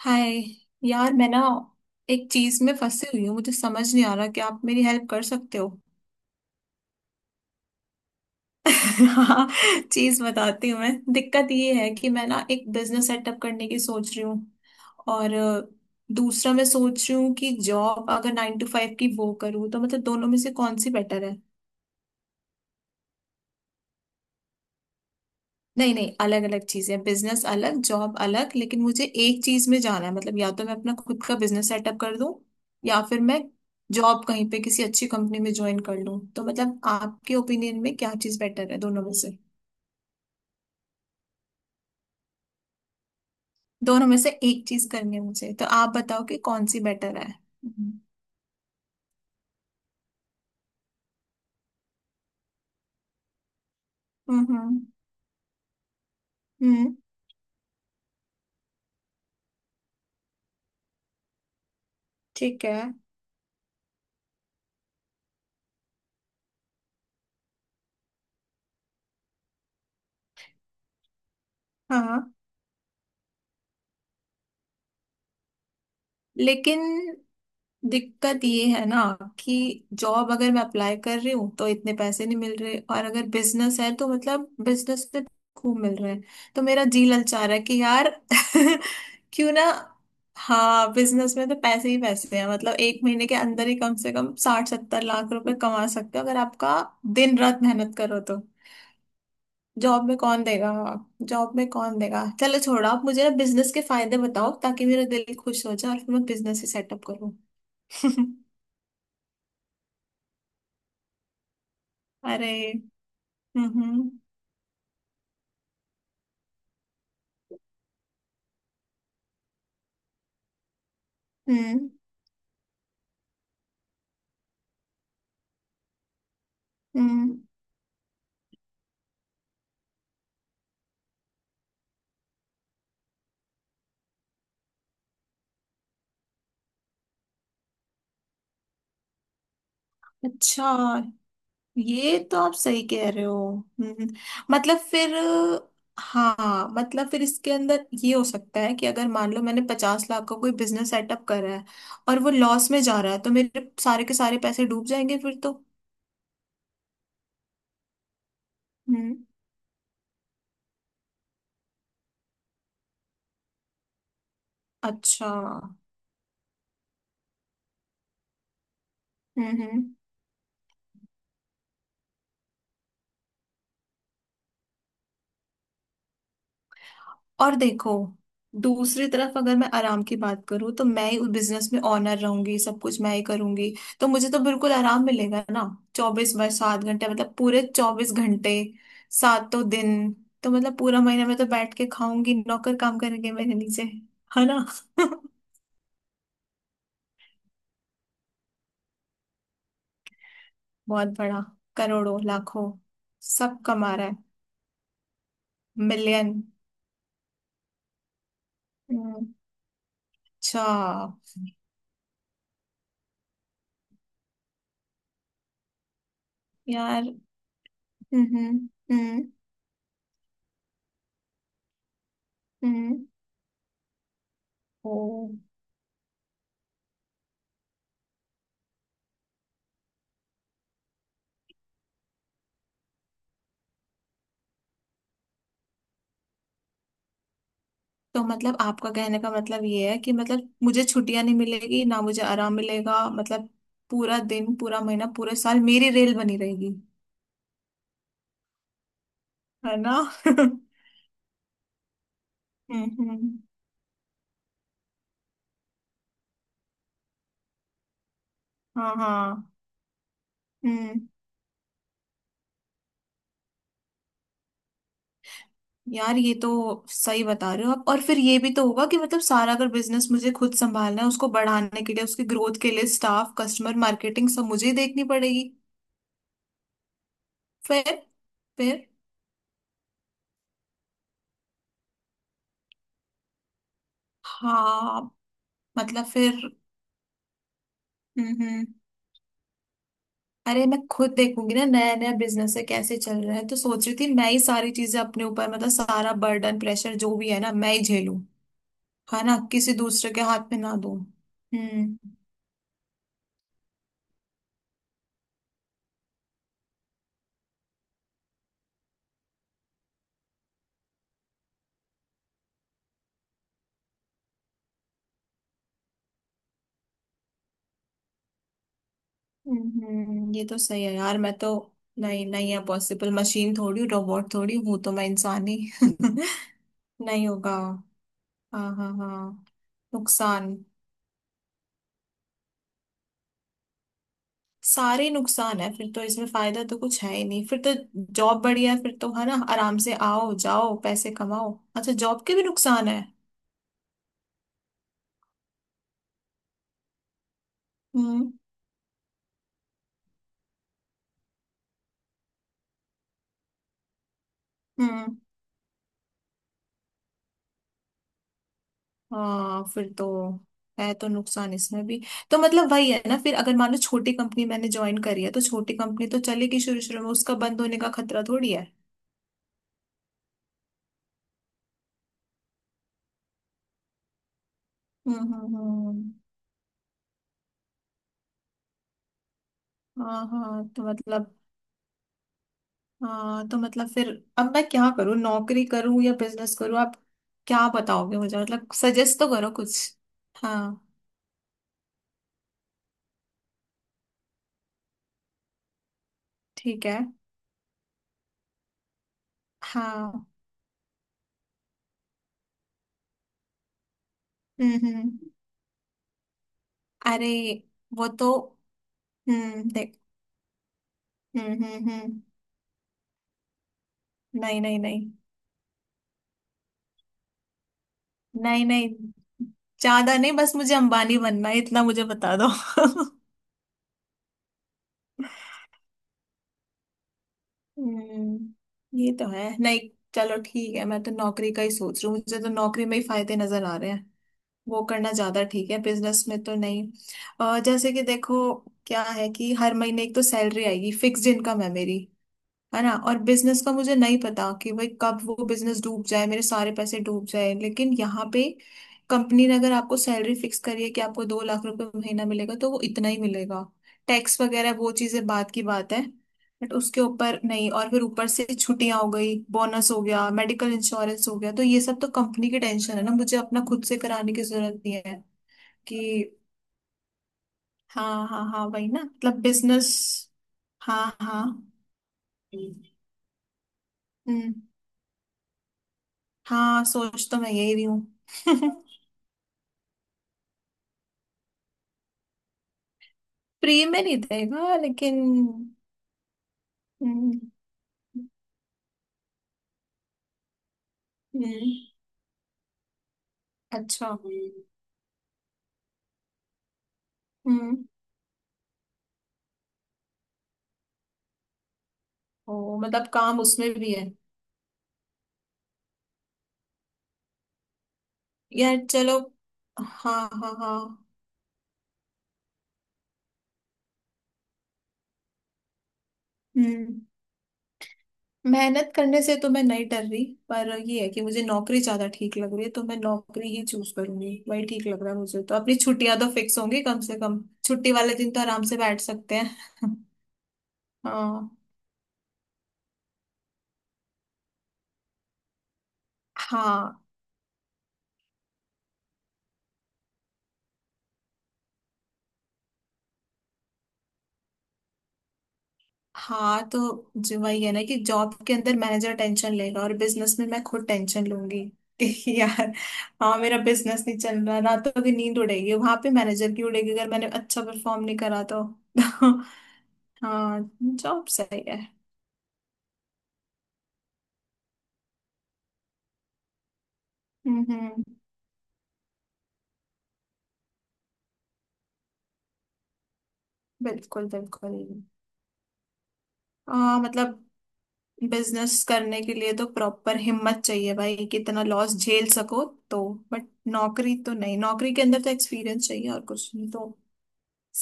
हाय। यार, मैं ना एक चीज में फंसी हुई हूँ। मुझे समझ नहीं आ रहा कि आप मेरी हेल्प कर सकते हो? हाँ, चीज बताती हूँ। मैं, दिक्कत ये है कि मैं ना एक बिजनेस सेटअप करने की सोच रही हूँ। और दूसरा, मैं सोच रही हूँ कि जॉब अगर 9 टू 5 की वो करूँ, तो मतलब दोनों में से कौन सी बेटर है? नहीं नहीं, अलग अलग चीजें। बिजनेस अलग, जॉब अलग। लेकिन मुझे एक चीज में जाना है, मतलब या तो मैं अपना खुद का बिजनेस सेटअप कर दूं, या फिर मैं जॉब कहीं पे किसी अच्छी कंपनी में ज्वाइन कर लूं। तो मतलब आपके ओपिनियन में क्या चीज बेटर है दोनों में से एक चीज करनी है मुझे, तो आप बताओ कि कौन सी बेटर है। हम्म हम्म हम्म, ठीक है। हाँ, लेकिन दिक्कत ये है ना कि जॉब अगर मैं अप्लाई कर रही हूँ तो इतने पैसे नहीं मिल रहे, और अगर बिजनेस है तो मतलब बिजनेस में खूब मिल रहे हैं। तो मेरा जी ललचा रहा है कि यार क्यों ना। हाँ, बिजनेस में तो पैसे ही पैसे हैं। मतलब एक महीने के अंदर ही कम से कम 60-70 लाख रुपए कमा सकते हो, अगर आपका दिन रात मेहनत करो तो। जॉब में कौन देगा? जॉब में कौन देगा? चलो छोड़ो, आप मुझे ना बिजनेस के फायदे बताओ, ताकि मेरा दिल खुश हो जाए और फिर मैं बिजनेस ही सेटअप करूँ। अरे, हम्म हम्म हम्म, अच्छा। ये तो आप सही कह रहे हो। हम्म, मतलब फिर, हाँ मतलब फिर इसके अंदर ये हो सकता है कि अगर मान लो मैंने 50 लाख का कोई बिजनेस सेटअप करा है और वो लॉस में जा रहा है, तो मेरे सारे के सारे पैसे डूब जाएंगे फिर तो। हम्म, अच्छा। हम्म, और देखो, दूसरी तरफ अगर मैं आराम की बात करूँ, तो मैं ही उस बिजनेस में ऑनर रहूंगी। सब कुछ मैं ही करूंगी, तो मुझे तो बिल्कुल आराम मिलेगा ना। 24/7 घंटे, मतलब पूरे 24 घंटे, सातों दिन। तो मतलब पूरा महीना मैं तो बैठ के खाऊंगी, नौकर काम करेंगे मेरे नीचे। है ना? बहुत बड़ा। करोड़ों लाखों सब कमा रहा है। मिलियन। अच्छा। यार, हम्म, हम्म, ओ। तो मतलब आपका कहने का मतलब ये है कि मतलब मुझे छुट्टियां नहीं मिलेगी ना, मुझे आराम मिलेगा मतलब? पूरा दिन, पूरा महीना, पूरे साल मेरी रेल बनी रहेगी। है ना? हम्म हम्म, हाँ हाँ। हम्म, यार ये तो सही बता रहे हो आप। और फिर ये भी तो होगा कि मतलब सारा अगर बिजनेस मुझे खुद संभालना है, उसको बढ़ाने के लिए, उसकी ग्रोथ के लिए, स्टाफ, कस्टमर, मार्केटिंग सब मुझे ही देखनी पड़ेगी। फिर फिर हाँ, मतलब फिर। हम्म, अरे मैं खुद देखूंगी ना, नया नया बिजनेस है, कैसे चल रहा है, तो सोच रही थी मैं ही सारी चीजें अपने ऊपर, मतलब सारा बर्डन, प्रेशर जो भी है ना, मैं ही झेलूं। है ना, किसी दूसरे के हाथ में ना दूं। हम्म ये तो सही है। यार मैं तो, नहीं नहीं है पॉसिबल। मशीन थोड़ी हूँ, रोबोट थोड़ी हूँ, हूं तो मैं इंसान ही। नहीं होगा। हाँ हाँ हाँ, नुकसान। सारे नुकसान है फिर तो, इसमें फायदा तो कुछ है ही नहीं फिर तो। जॉब बढ़िया है फिर तो, है ना? आराम से आओ जाओ, पैसे कमाओ। अच्छा, जॉब के भी नुकसान है? हम्म हम्म, हाँ फिर तो, है तो नुकसान इसमें भी। तो मतलब वही है ना फिर, अगर मान लो छोटी कंपनी मैंने ज्वाइन करी है तो छोटी कंपनी तो चलेगी शुरू शुरू में, उसका बंद होने का खतरा थोड़ी है। हम्म हम्म हम्म। हाँ हाँ, तो मतलब हाँ, तो मतलब फिर अब मैं क्या करूँ, नौकरी करूँ या बिजनेस करूँ? आप क्या बताओगे मुझे? मतलब सजेस्ट तो करो कुछ। हाँ, ठीक है। हाँ। हम्म, अरे वो तो, देख। हम्म, नहीं नहीं नहीं, नहीं नहीं, ज्यादा नहीं, बस मुझे अंबानी बनना है, इतना मुझे बता दो। हम्म, ये तो है नहीं। चलो ठीक है, मैं तो नौकरी का ही सोच रही हूँ। मुझे तो नौकरी में ही फायदे नजर आ रहे हैं। वो करना ज्यादा ठीक है, बिजनेस में तो नहीं। जैसे कि देखो, क्या है कि हर महीने एक तो सैलरी आएगी, फिक्स्ड इनकम है मेरी, है ना। और बिजनेस का मुझे नहीं पता कि भाई कब वो बिजनेस डूब जाए, मेरे सारे पैसे डूब जाए। लेकिन यहाँ पे कंपनी ने अगर आपको सैलरी फिक्स करी है कि आपको 2 लाख रुपए महीना मिलेगा, तो वो इतना ही मिलेगा। टैक्स वगैरह वो चीजें बात की बात है, बट उसके ऊपर नहीं। और फिर ऊपर से छुट्टियां हो गई, बोनस हो गया, मेडिकल इंश्योरेंस हो गया, तो ये सब तो कंपनी की टेंशन है ना, मुझे अपना खुद से कराने की जरूरत नहीं है कि। हाँ हाँ हाँ, वही ना, मतलब बिजनेस। हाँ हाँ। हम्म, हाँ सोच तो मैं यही रही हूँ। प्री में नहीं देगा, लेकिन हम्म, हम्म, अच्छा। हम्म, ओ मतलब काम उसमें भी है। यार चलो, हाँ हाँ हाँ। हम्म, मेहनत करने से तो मैं नहीं डर रही, पर ये है कि मुझे नौकरी ज्यादा ठीक लग रही है, तो मैं नौकरी ही चूज करूंगी। वही ठीक लग रहा है मुझे, तो अपनी छुट्टियां तो फिक्स होंगी कम से कम। छुट्टी वाले दिन तो आराम से बैठ सकते हैं। हाँ हाँ हाँ, तो जो वही है ना कि जॉब के अंदर मैनेजर टेंशन लेगा और बिजनेस में मैं खुद टेंशन लूंगी। कि यार, हाँ मेरा बिजनेस नहीं चल रहा, रातों की नींद उड़ेगी। वहां पे मैनेजर की उड़ेगी, अगर मैंने अच्छा परफॉर्म नहीं करा तो। हाँ, जॉब सही है। हम्म हम्म, बिल्कुल बिल्कुल। मतलब बिजनेस करने के लिए तो प्रॉपर हिम्मत चाहिए भाई, कि इतना लॉस झेल सको। तो बट नौकरी तो नहीं, नौकरी के अंदर तो एक्सपीरियंस चाहिए, और कुछ नहीं तो।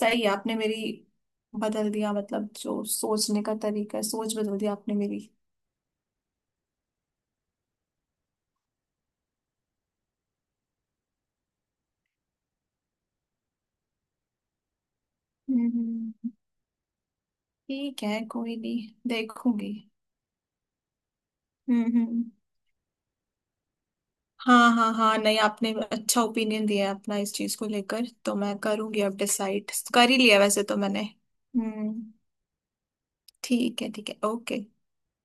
सही है, आपने मेरी बदल दिया, मतलब जो सोचने का तरीका है, सोच बदल दी आपने मेरी। हम्म, ठीक है कोई नहीं, देखूंगी। हम्म, हाँ हाँ हाँ, नहीं आपने अच्छा ओपिनियन दिया है अपना इस चीज को लेकर, तो मैं करूंगी। अब डिसाइड कर ही लिया वैसे तो मैंने। हम्म, ठीक है, ठीक है, ओके।